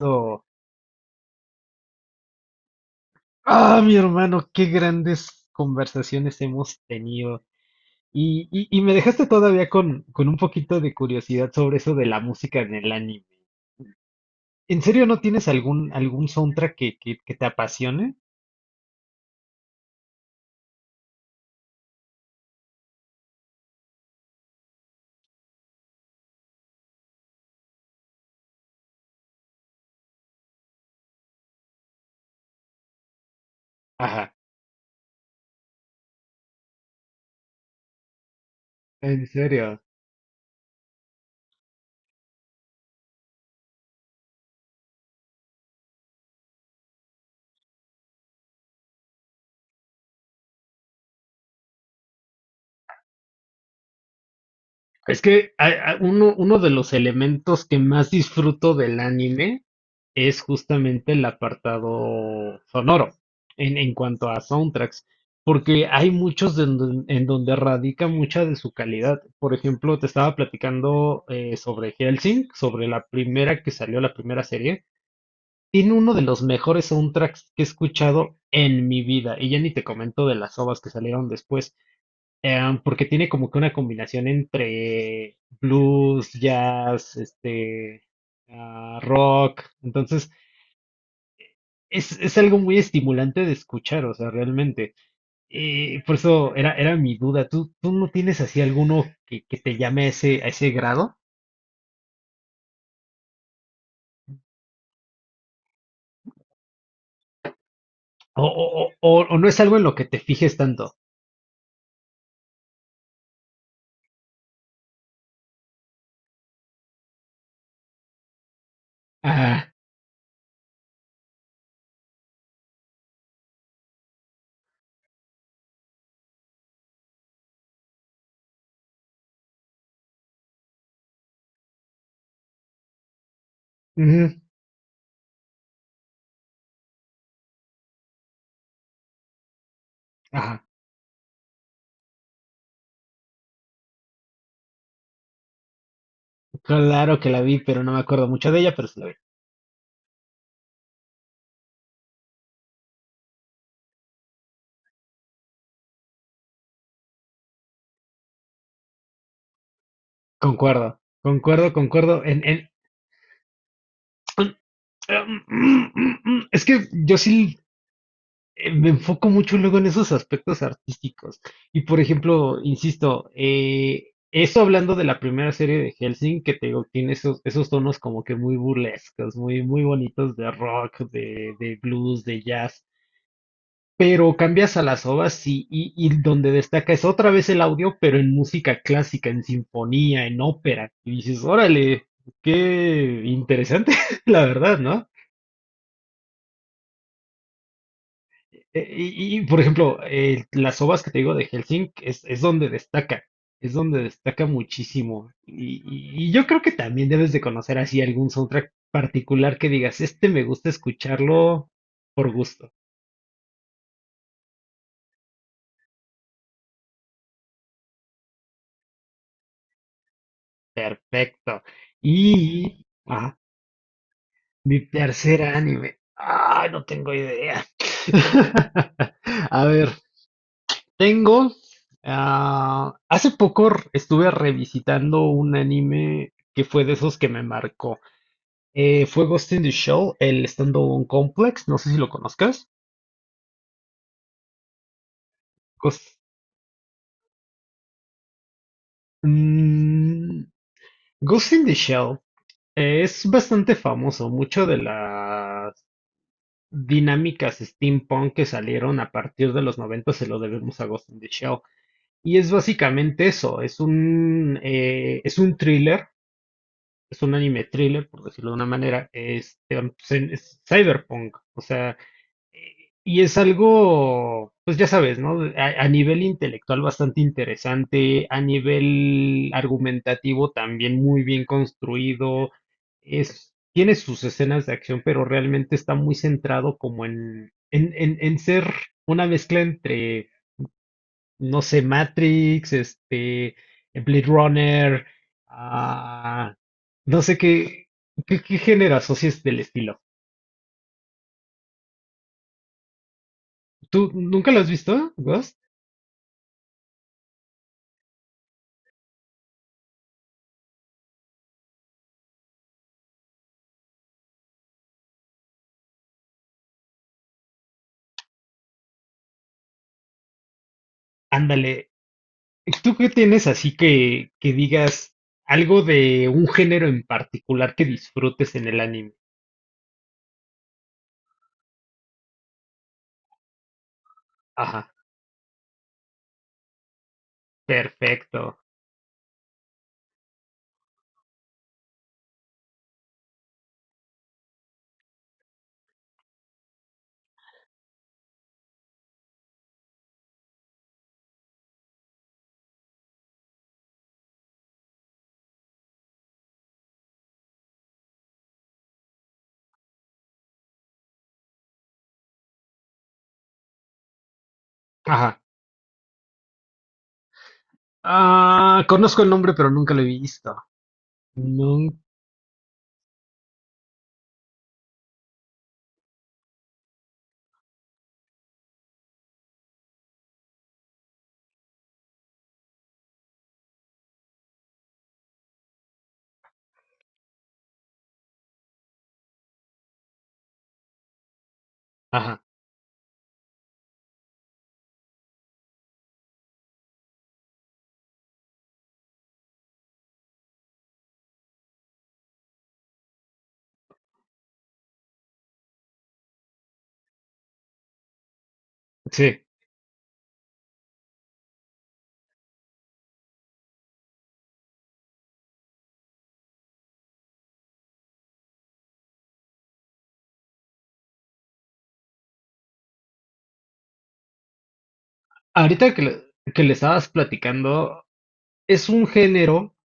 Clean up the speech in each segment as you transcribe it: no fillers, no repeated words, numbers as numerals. Oh, ah, mi hermano, qué grandes conversaciones hemos tenido. Y me dejaste todavía con un poquito de curiosidad sobre eso de la música en el anime. ¿En serio no tienes algún, algún soundtrack que te apasione? Ajá, en serio. Es que a- uno, uno de los elementos que más disfruto del anime es justamente el apartado sonoro en cuanto a soundtracks, porque hay muchos en donde radica mucha de su calidad. Por ejemplo, te estaba platicando sobre Hellsing, sobre la primera que salió, la primera serie. Tiene uno de los mejores soundtracks que he escuchado en mi vida, y ya ni te comento de las ovas que salieron después. Porque tiene como que una combinación entre blues, jazz, este, ah, rock. Entonces, es algo muy estimulante de escuchar, o sea, realmente. Y por eso era, era mi duda. ¿Tú no tienes así alguno que te llame a ese grado? O, o no es algo en lo que te fijes tanto? Ah, ujú, ajá. Claro que la vi, pero no me acuerdo mucho de ella, pero sí la vi. Concuerdo, concuerdo, concuerdo. Mm, es que yo sí me enfoco mucho luego en esos aspectos artísticos. Y por ejemplo, insisto, eso hablando de la primera serie de Hellsing, que te digo, tiene esos, esos tonos como que muy burlescos, muy, muy bonitos de rock, de blues, de jazz. Pero cambias a las ovas y donde destaca es otra vez el audio, pero en música clásica, en sinfonía, en ópera. Y dices, órale, qué interesante, la verdad, ¿no? Y, por ejemplo, las ovas que te digo de Helsinki es donde destaca muchísimo. Y yo creo que también debes de conocer así algún soundtrack particular que digas, este me gusta escucharlo por gusto. Perfecto. Y, ah, mi tercer anime. Ay, no tengo idea. A ver, tengo. Ah, estuve revisitando un anime que fue de esos que me marcó. Fue Ghost in the Shell, el Standalone Complex, no sé si lo conozcas. Ghost, mm, Ghost in the Shell es bastante famoso, mucho de las dinámicas steampunk que salieron a partir de los 90 se lo debemos a Ghost in the Shell. Y es básicamente eso, es un thriller, es un anime thriller, por decirlo de una manera, este, es, es cyberpunk, o sea... eh, Y es algo, pues ya sabes, ¿no? A nivel intelectual bastante interesante, a nivel argumentativo también muy bien construido. Es, tiene sus escenas de acción, pero realmente está muy centrado como en ser una mezcla entre, no sé, Matrix, este, Blade Runner, ah, no sé qué, qué género asocies del estilo. ¿Tú nunca lo has visto, Ghost? Ándale, ¿tú qué tienes así que digas algo de un género en particular que disfrutes en el anime? Ajá, perfecto. Ajá. Ah, conozco el nombre, pero nunca lo he visto. Nun- ajá, sí. Ahorita que le estabas platicando, es un género,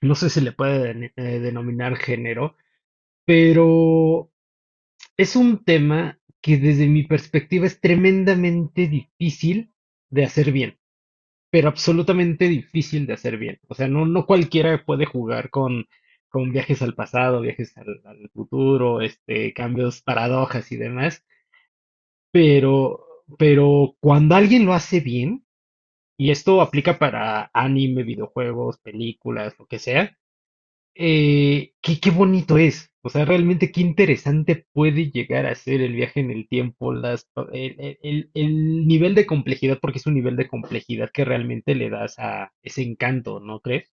no sé si le puede denominar género, pero es un tema que desde mi perspectiva es tremendamente difícil de hacer bien. Pero absolutamente difícil de hacer bien. O sea, no, no cualquiera puede jugar con viajes al pasado, viajes al, al futuro, este, cambios, paradojas y demás, pero, pero cuando alguien lo hace bien, y esto aplica para anime, videojuegos, películas, lo que sea, qué, qué bonito es. O sea, realmente qué interesante puede llegar a ser el viaje en el tiempo, las, el, el nivel de complejidad, porque es un nivel de complejidad que realmente le das a ese encanto, ¿no crees?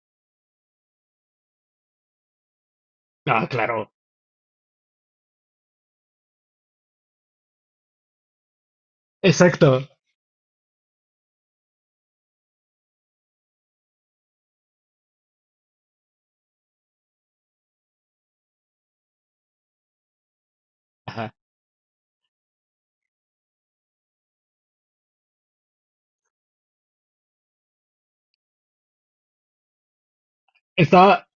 Ah, claro. Exacto. Ajá. Estaba,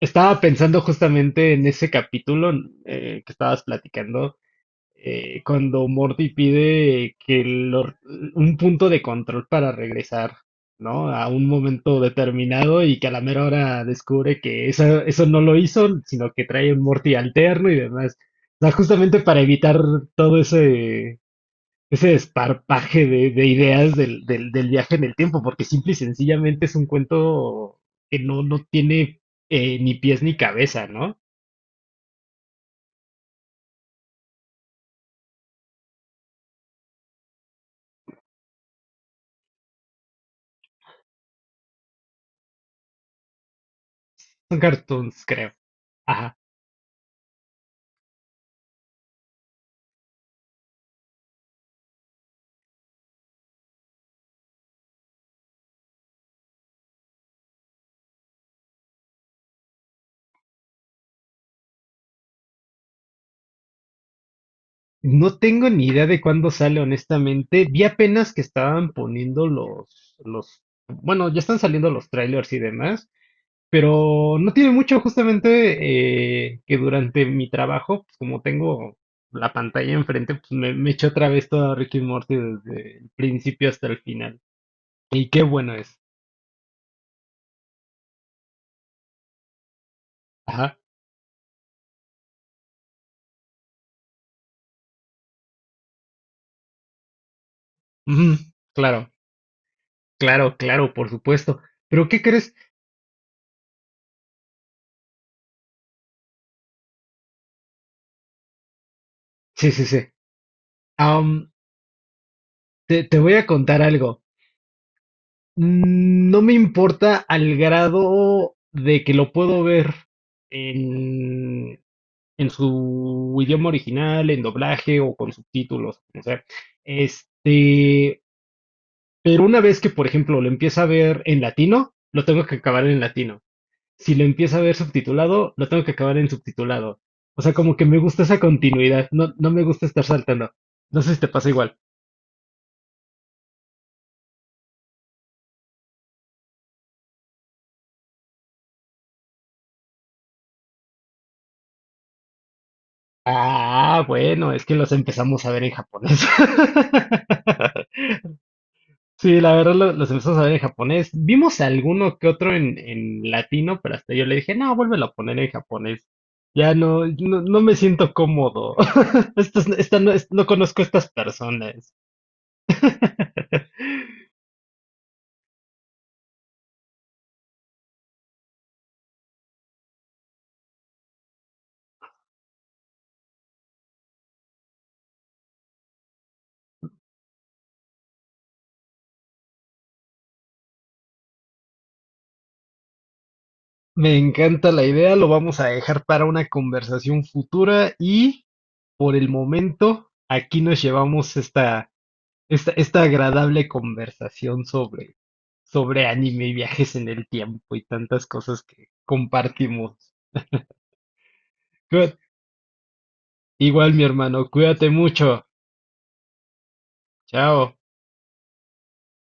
estaba pensando justamente en ese capítulo que estabas platicando. Eh, cuando Morty pide que lo- un punto de control para regresar, ¿no? A un momento determinado y que a la mera hora descubre que eso no lo hizo, sino que trae un Morty alterno y demás. O sea, justamente para evitar todo ese, ese desparpaje de ideas del viaje en el tiempo, porque simple y sencillamente es un cuento que no, no tiene ni pies ni cabeza, ¿no? Son cartoons, creo. Ajá. No tengo ni idea de cuándo sale, honestamente. Vi apenas que estaban poniendo bueno, ya están saliendo los trailers y demás, pero no tiene mucho justamente que durante mi trabajo, pues como tengo la pantalla enfrente, pues me eché otra vez todo Ricky Morty desde el principio hasta el final. Y qué bueno es. Ajá. Ujú. Claro, claro, claro, por supuesto. Pero ¿qué crees? Sí, sí, sí. Am, te voy a contar algo. Mm, no me importa al grado de que lo puedo ver en, en su idioma original, en doblaje o con subtítulos, como sea. Este, pero una vez que, por ejemplo, lo empieza a ver en latino, lo tengo que acabar en latino. Si lo empieza a ver subtitulado, lo tengo que acabar en subtitulado. O sea, como que me gusta esa continuidad, no, no me gusta estar saltando. No sé si te pasa igual. Ah, bueno, es que los empezamos a ver en japonés. Sí, la verdad los empezamos a ver en japonés. Vimos alguno que otro en latino, pero hasta yo le dije, no, vuélvelo a poner en japonés. Ya no, no, no me siento cómodo. Esta no, no conozco a estas personas. Me encanta la idea, lo vamos a dejar para una conversación futura y por el momento aquí nos llevamos esta, esta, esta agradable conversación sobre, sobre anime y viajes en el tiempo y tantas cosas que compartimos. Cuí- igual mi hermano, cuídate mucho. Chao.